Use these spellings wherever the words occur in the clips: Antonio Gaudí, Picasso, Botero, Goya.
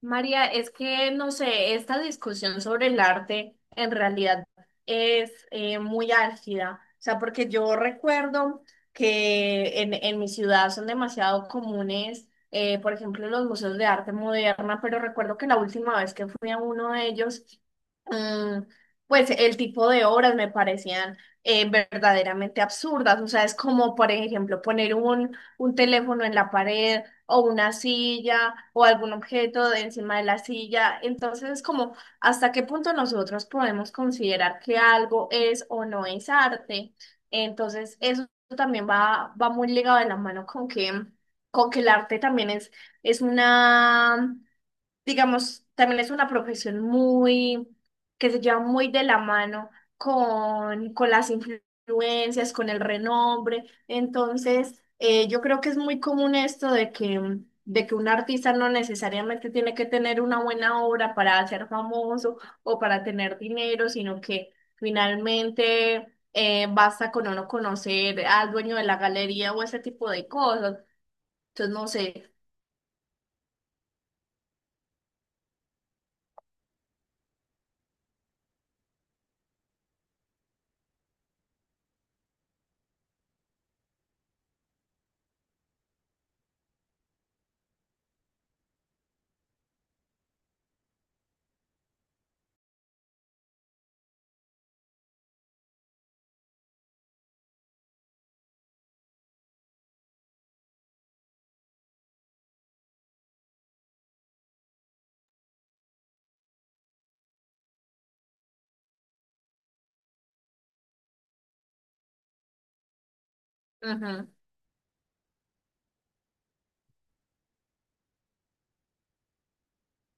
María, es que, no sé, esta discusión sobre el arte en realidad es muy álgida. O sea, porque yo recuerdo que en mi ciudad son demasiado comunes, por ejemplo, los museos de arte moderna, pero recuerdo que la última vez que fui a uno de ellos, mm, pues el tipo de obras me parecían verdaderamente absurdas. O sea, es como, por ejemplo, poner un teléfono en la pared o una silla o algún objeto de encima de la silla. Entonces, es como hasta qué punto nosotros podemos considerar que algo es o no es arte. Entonces, eso también va muy ligado de la mano con que el arte también es una digamos, también es una profesión muy, que se lleva muy de la mano con las influencias, con el renombre. Entonces, yo creo que es muy común esto de que un artista no necesariamente tiene que tener una buena obra para ser famoso o para tener dinero, sino que finalmente, basta con uno conocer al dueño de la galería o ese tipo de cosas. Entonces, no sé. Ujú.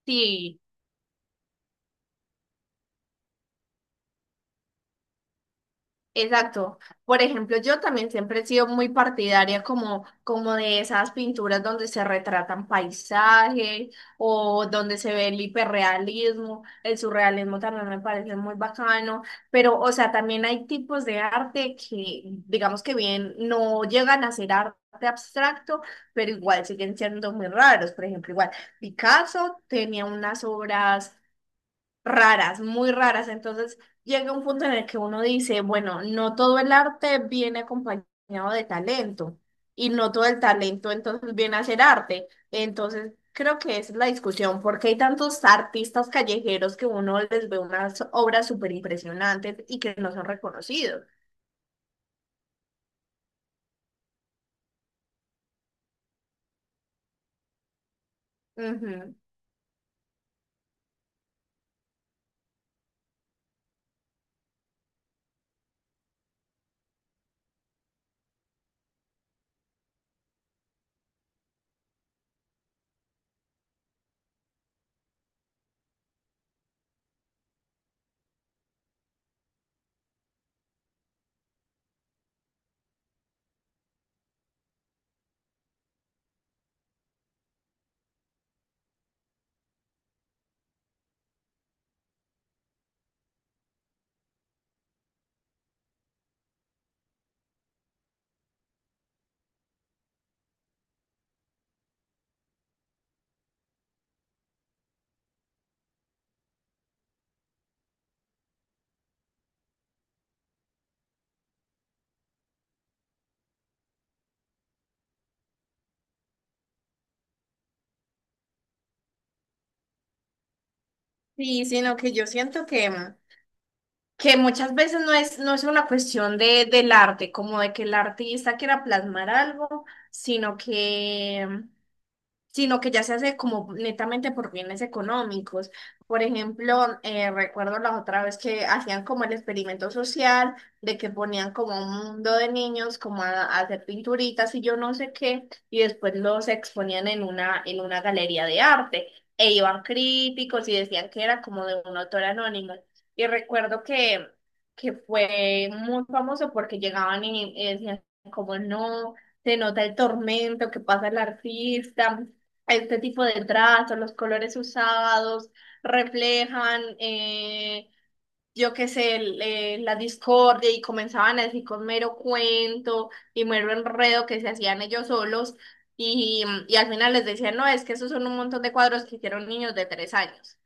Sí. Exacto. Por ejemplo, yo también siempre he sido muy partidaria como de esas pinturas donde se retratan paisajes o donde se ve el hiperrealismo, el surrealismo también me parece muy bacano, pero o sea, también hay tipos de arte que digamos que bien no llegan a ser arte abstracto, pero igual siguen siendo muy raros. Por ejemplo, igual Picasso tenía unas obras raras, muy raras. Entonces llega un punto en el que uno dice, bueno, no todo el arte viene acompañado de talento y no todo el talento entonces viene a ser arte. Entonces creo que esa es la discusión, porque hay tantos artistas callejeros que uno les ve unas obras súper impresionantes y que no son reconocidos. Ujú. Sí, sino que yo siento que muchas veces no es una cuestión de, del arte, como de que el artista quiera plasmar algo, sino que sino que ya se hace como netamente por bienes económicos. Por ejemplo, recuerdo la otra vez que hacían como el experimento social de que ponían como un mundo de niños como a hacer pinturitas y yo no sé qué, y después los exponían en una galería de arte e iban críticos y decían que era como de un autor anónimo. Y recuerdo que fue muy famoso porque llegaban y decían como no se nota el tormento que pasa el artista, este tipo de trazos, los colores usados reflejan, yo qué sé, la discordia y comenzaban a decir con mero cuento y mero enredo que se hacían ellos solos y al final les decían, no, es que esos son un montón de cuadros que hicieron niños de 3 años.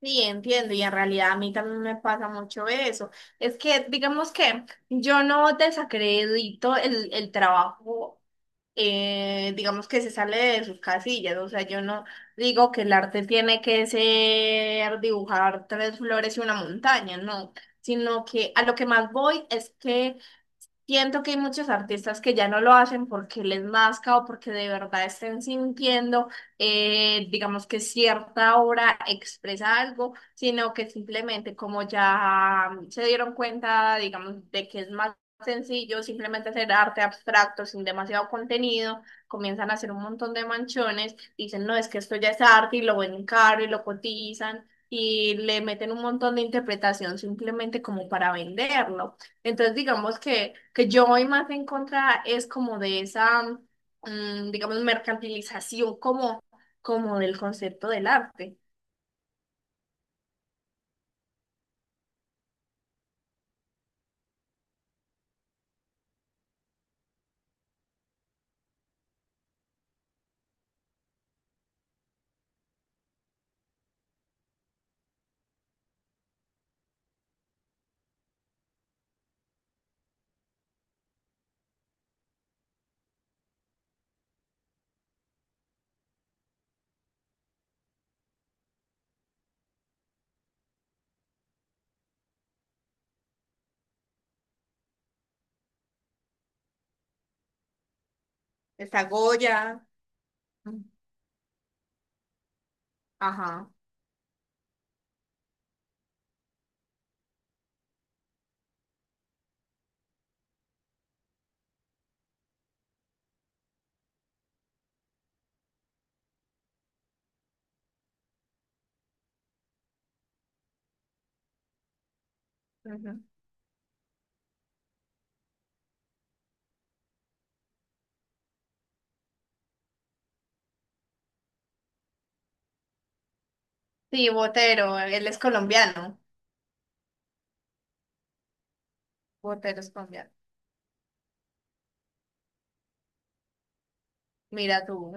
Sí, entiendo, y en realidad a mí también me pasa mucho eso. Es que, digamos que yo no desacredito el trabajo digamos que se sale de sus casillas, o sea, yo no digo que el arte tiene que ser dibujar tres flores y una montaña, no, sino que a lo que más voy es que siento que hay muchos artistas que ya no lo hacen porque les nazca o porque de verdad estén sintiendo, digamos que cierta obra expresa algo, sino que simplemente como ya se dieron cuenta, digamos, de que es más sencillo simplemente hacer arte abstracto sin demasiado contenido, comienzan a hacer un montón de manchones, dicen, no, es que esto ya es arte y lo ven caro y lo cotizan. Y le meten un montón de interpretación simplemente como para venderlo. Entonces, digamos que yo voy más en contra es como de esa, digamos, mercantilización como del concepto del arte. Está Goya. Mm. Ajá. Ujú. Sí, Botero, él es colombiano. Botero es colombiano. Mira tú.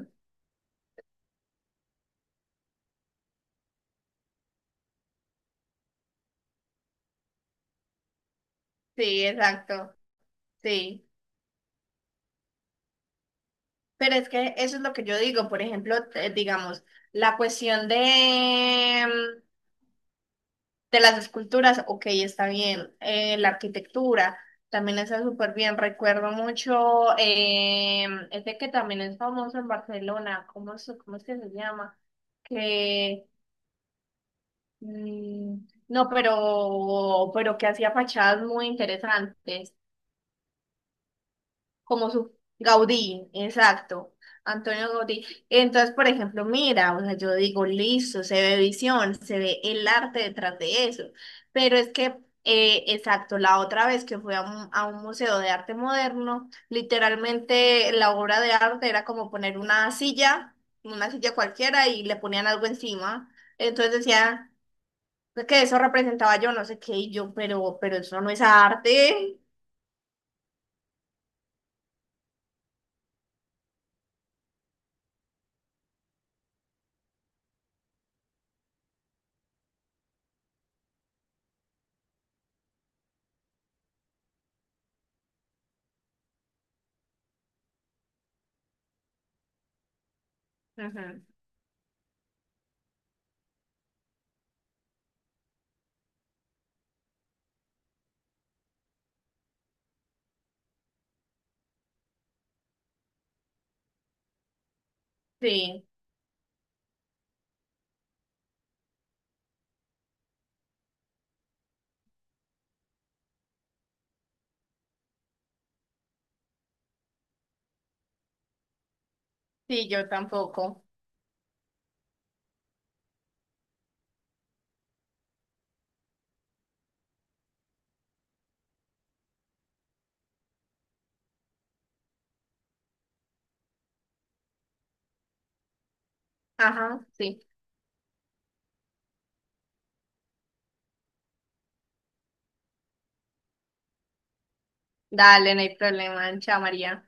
Sí, exacto. Sí. Pero es que eso es lo que yo digo. Por ejemplo, digamos, la cuestión de las esculturas, ok, está bien. La arquitectura también está súper bien. Recuerdo mucho este que también es famoso en Barcelona, ¿cómo es que se llama? Que mm, no, pero que hacía fachadas muy interesantes. Como su Gaudí, exacto, Antonio Gaudí. Entonces, por ejemplo, mira, o sea, yo digo, listo, se ve visión, se ve el arte detrás de eso, pero es que, exacto, la otra vez que fui a un museo de arte moderno, literalmente la obra de arte era como poner una silla cualquiera y le ponían algo encima, entonces decía que eso representaba yo no sé qué y yo, pero eso no es arte. Ujú. Sí, sí, yo tampoco. Ajá, sí. Dale, no hay problema. Chao, María.